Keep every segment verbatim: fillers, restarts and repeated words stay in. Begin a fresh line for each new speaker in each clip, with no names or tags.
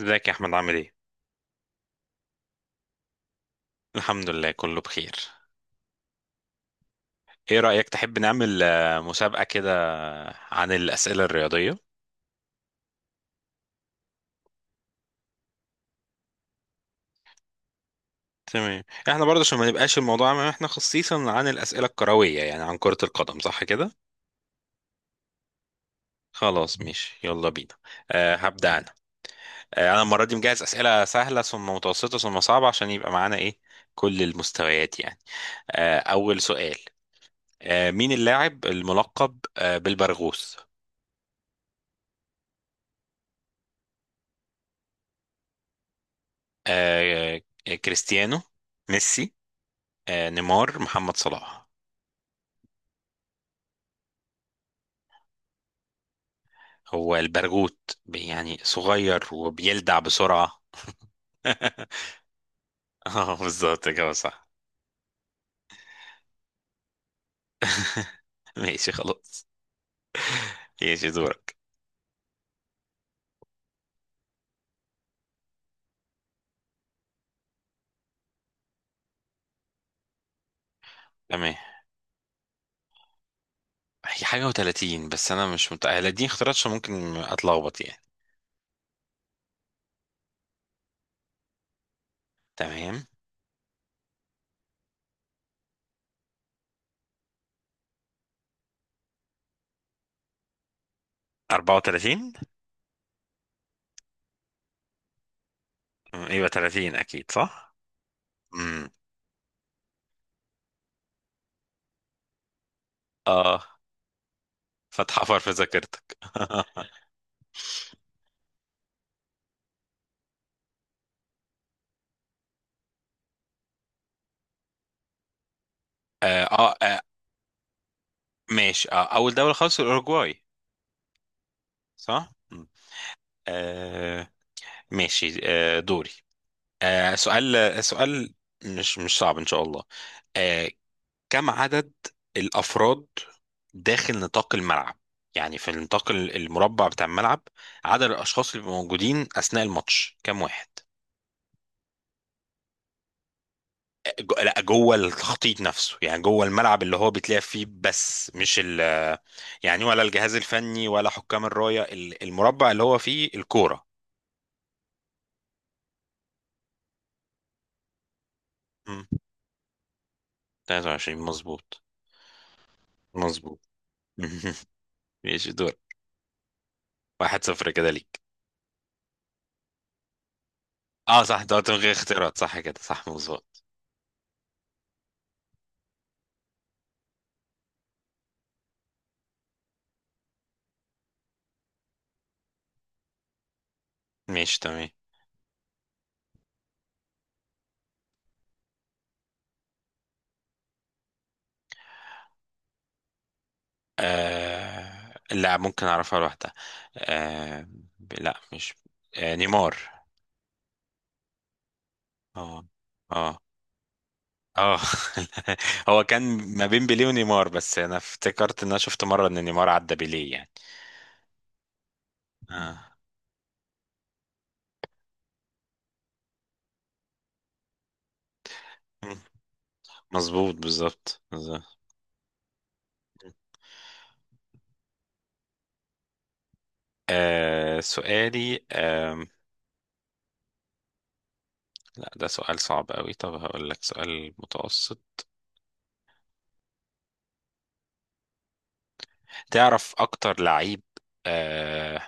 ازيك يا احمد عامل ايه؟ الحمد لله كله بخير. ايه رأيك تحب نعمل آه، مسابقة كده عن الأسئلة الرياضية؟ تمام، احنا برضه عشان ما نبقاش الموضوع عام احنا خصيصا عن الأسئلة الكروية يعني عن كرة القدم، صح كده؟ خلاص ماشي يلا بينا. أه هبدأ انا. أه انا المرة دي مجهز أسئلة سهلة ثم متوسطة ثم صعبة عشان يبقى معانا ايه، كل المستويات يعني. أه أول سؤال. أه مين اللاعب الملقب أه بالبرغوث؟ أه آه، كريستيانو، ميسي، آه، نيمار، محمد صلاح. هو البرغوت، ب- يعني صغير وبيلدع بسرعة. اه بالظبط كده، صح. ماشي خلاص. ماشي دورك. تمام. هي حاجة و30، بس أنا مش متأهل، دي اختيارات عشان ممكن أتلخبط يعني. تمام. أربعة وثلاثين. أمم، يبقى ثلاثين أكيد صح؟ امم اه، فتح حفر في ذاكرتك. آه, اه آه، ماشي، آه أول دولة خالص الأوروجواي. صح؟ مم. آه. ماشي، آه دوري. آه سؤال سؤال، مش مش صعب ان شاء الله. آه، كم عدد الافراد داخل نطاق الملعب؟ يعني في النطاق ال- المربع بتاع الملعب، عدد الاشخاص اللي بيبقوا موجودين اثناء الماتش كم واحد؟ آه، جو- لا جوه التخطيط نفسه، يعني جوه الملعب اللي هو بيتلعب فيه، بس مش ال، يعني ولا الجهاز الفني ولا حكام الراية، ال- المربع اللي هو فيه الكورة. مم، ثلاثة وعشرين مظبوط مظبوط. ماشي دور. واحد صفر كده ليك. اه صح، دوت من غير اختيارات، صح كده، صح مظبوط. ماشي تمام. آه... لا ممكن اعرفها لوحدها. آه... لا مش، آه... نيمار. اه اه اه. هو كان ما بين بيليه ونيمار، بس انا افتكرت ان انا شفت مره ان نيمار عدى بيليه يعني. آه. مم. مظبوط بالظبط بالظبط. آه سؤالي، آه لا ده سؤال صعب قوي، طب هقول لك سؤال متوسط. تعرف اكتر لعيب آه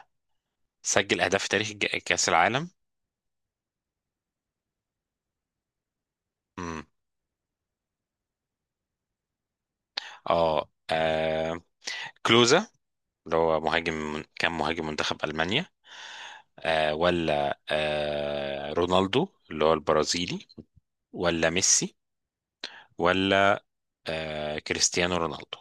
سجل اهداف في تاريخ الج- كاس العالم؟ امم اه. آه، كلوزا اللي هو مهاجم، كان مهاجم منتخب المانيا، آه ولا آه رونالدو اللي هو البرازيلي، ولا ميسي، ولا آه كريستيانو رونالدو.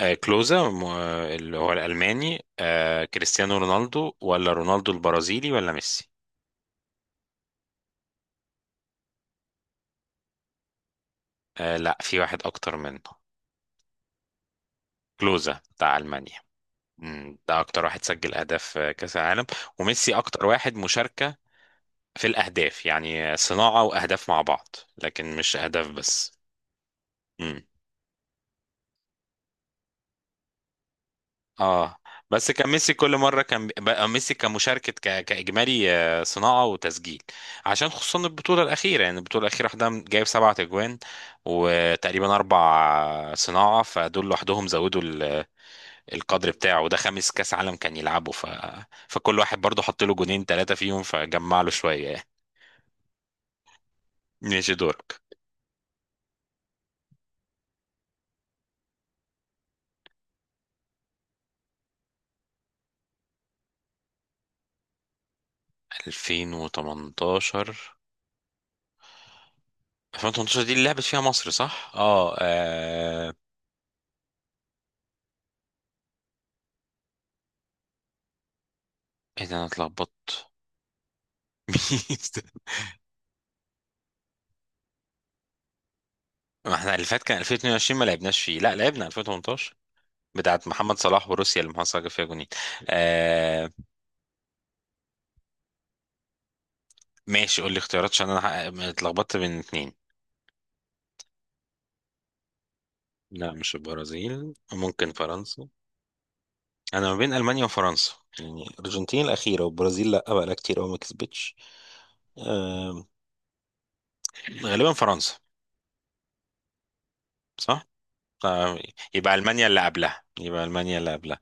آه كلوزا، م- آه، اللي هو الألماني، آه كريستيانو رونالدو، ولا رونالدو البرازيلي، ولا ميسي. آه لا، في واحد أكتر منه، كلوزا بتاع ألمانيا. مم، ده اكتر واحد سجل اهداف في كاس العالم، وميسي اكتر واحد مشاركة في الاهداف، يعني صناعة واهداف مع بعض، لكن مش اهداف بس. امم اه، بس كان ميسي كل مرة، كان بقى ميسي كمشاركة ك... كاجمالي، آه، صناعة وتسجيل. عشان خصوصا البطولة الأخيرة، يعني البطولة الأخيرة واحدة جايب سبعة أجوان وتقريبا أربع صناعة، فدول لوحدهم زودوا ال... القدر بتاعه، وده خامس كأس عالم كان يلعبه ف... فكل واحد برضه حط له جونين ثلاثة فيهم فجمع له شوية. ماشي دورك. ألفين وثمانية عشر. ألفين وتمنتاشر دي اللي لعبت فيها مصر صح؟ اه آه، ايه ده انا اتلخبطت. مين ده؟ ما احنا اللي فات كان ألفين واتنين وعشرين ما لعبناش فيه، لا لعبنا ألفين وتمنتاشر، بتاعت محمد صلاح وروسيا اللي محمد صلاح جاب فيها جونين. آه. ماشي قول لي اختيارات عشان انا حق- اتلخبطت بين اتنين. لا مش البرازيل، ممكن فرنسا. انا ما بين المانيا وفرنسا، يعني الارجنتين الاخيره، والبرازيل لا بقى لها كتير قوي ما كسبتش. آه، غالبا فرنسا. صح؟ آه، يبقى المانيا اللي قبلها، يبقى المانيا اللي قبلها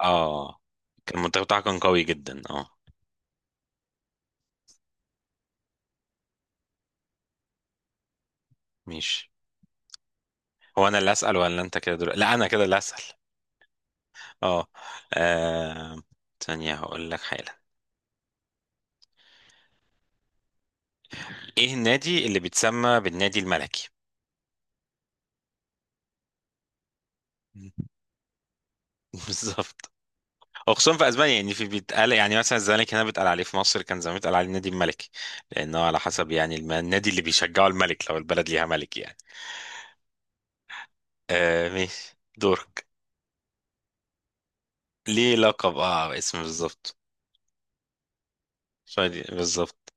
اه، كان المنتخب بتاعها كان قوي جدا اه. ماشي. هو انا اللي اسال ولا انت كده دلوقتي؟ لا انا كده اللي اسال. اه آه، ثانيه هقول لك حالا. ايه النادي اللي بيتسمى بالنادي الملكي؟ بالظبط. وخصوصا في اسبانيا يعني، في بيتقال يعني، مثلا الزمالك هنا بيتقال عليه في مصر، كان زمان بيتقال عليه النادي الملكي، لانه على حسب يعني، الم- النادي اللي بيشجعه الملك، لو البلد ليها ملك يعني. آه ماشي دورك. ليه لقب، اه اسم بالظبط. سعودي بالظبط.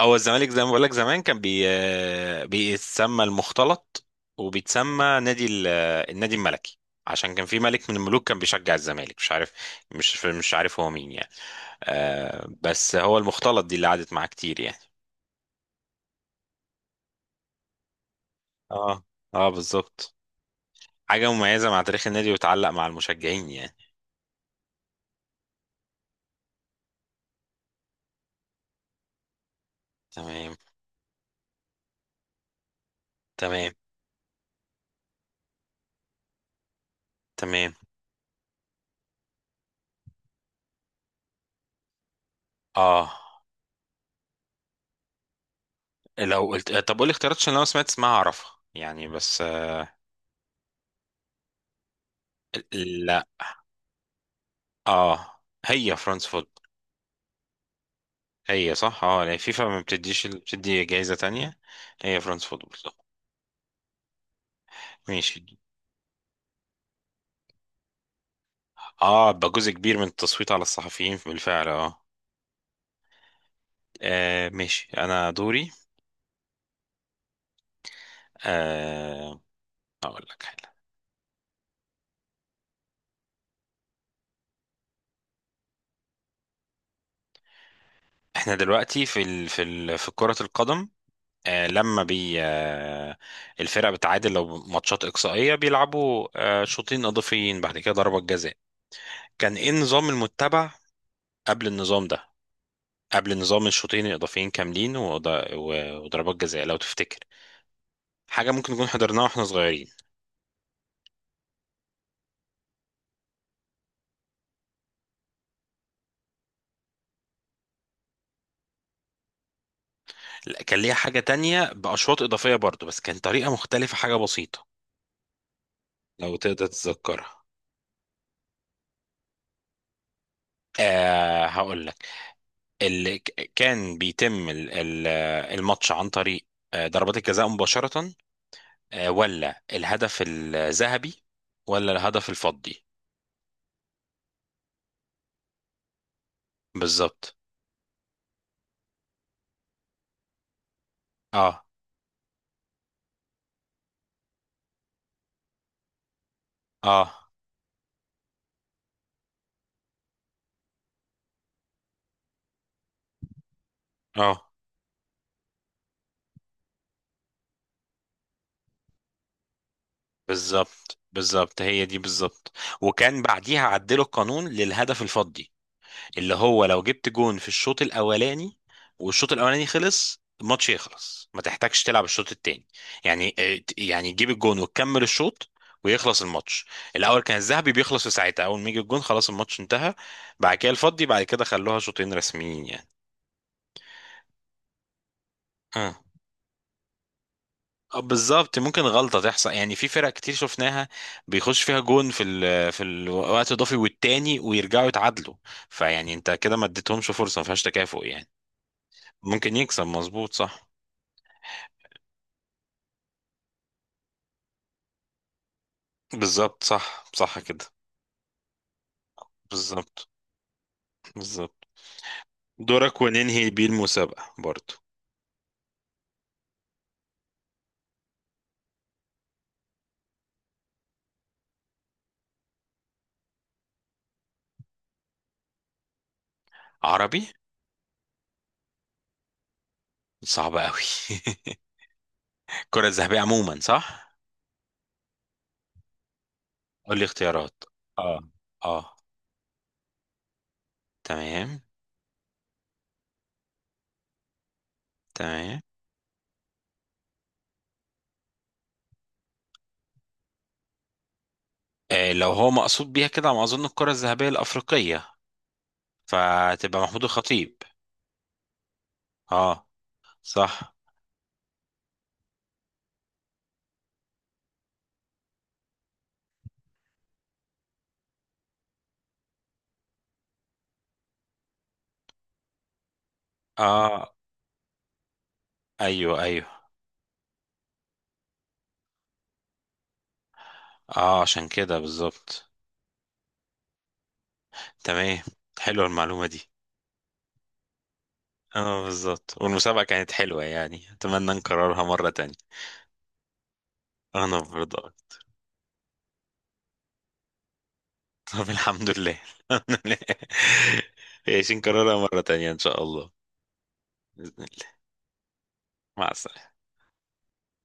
هو الزمالك زي ما بقول لك، زمان كان بي... آه، بيتسمى المختلط، وبيتسمى نادي ال... آه، النادي الملكي، عشان كان في ملك من الملوك كان بيشجع الزمالك، مش عارف، مش مش عارف هو مين يعني. آه بس هو المختلط دي اللي قعدت معاه كتير يعني. اه اه بالظبط. حاجة مميزة مع تاريخ النادي وتعلق مع المشجعين يعني. تمام تمام تمام. اه لو قلت، طب قول لي اختيارات عشان لو سمعت اسمها اعرفها يعني بس. لا اه، هي فرانس. هي صح اه، يعني فيفا ما بتديش ال- بتدي جايزة تانية. هي فرانس فوتبول، صح. ماشي. اه بقى جزء كبير من التصويت على الصحفيين بالفعل اه. آه، ماشي انا دوري. آه اقول لك حاجة، احنا دلوقتي في ال... في ال... في كرة القدم، آه لما بي آه الفرق بتعادل لو ماتشات إقصائية بيلعبوا آه شوطين إضافيين، بعد كده ضربة جزاء، كان ايه النظام المتبع قبل النظام ده؟ قبل نظام الشوطين الإضافيين كاملين وض- و- وضربات جزاء، لو تفتكر حاجة ممكن نكون حضرناها واحنا صغيرين. لا كان ليها حاجة تانية بأشواط إضافية برضو، بس كان طريقة مختلفة، حاجة بسيطة. لو تقدر تتذكرها. آه هقول لك، اللي ك- كان بيتم ال- ال- آه، الماتش عن طريق آه، ضربات الجزاء مباشرة، آه، ولا الهدف الذهبي، ولا الهدف الفضي. بالظبط. اه اه اه بالظبط بالظبط، هي دي بالظبط. وكان بعديها عدلوا القانون للهدف الفضي، اللي هو لو جبت جون في الشوط الاولاني والشوط الاولاني خلص، الماتش يخلص، ما تحتاجش تلعب الشوط التاني، يعني آه، يعني تجيب الجون وتكمل الشوط ويخلص الماتش. الاول كان الذهبي بيخلص في ساعتها، اول ما يجي الجون خلاص الماتش انتهى. بعد كده الفضي، بعد كده خلوها شوطين رسميين يعني. اه آه، بالظبط. ممكن غلطة تحصل يعني، في فرق كتير شفناها بيخش فيها جون في ال في الوقت الاضافي والتاني ويرجعوا يتعادلوا، فيعني انت كده ما اديتهمش فرصة، ما فيهاش تكافؤ يعني. ممكن يكسب، مظبوط صح. بالظبط صح صح كده. بالظبط بالظبط. دورك وننهي بيه المسابقة برضو. عربي، صعب قوي. الكرة الذهبية عموما، صح. قول لي اختيارات. اه اه. تمام. تمام. آه لو هو مقصود بيها كده على ما اظن الكرة الذهبية الأفريقية، فتبقى محمود الخطيب. اه صح اه. ايوه ايوه. اه عشان كده بالظبط. تمام، حلوه المعلومة دي. اه بالظبط، والمسابقة كانت حلوة يعني، اتمنى نكررها مرة تانية. انا برضه. طب الحمد لله. الحمد لله. عايشين كررها مرة تانية ان شاء الله. بإذن الله. مع السلامة.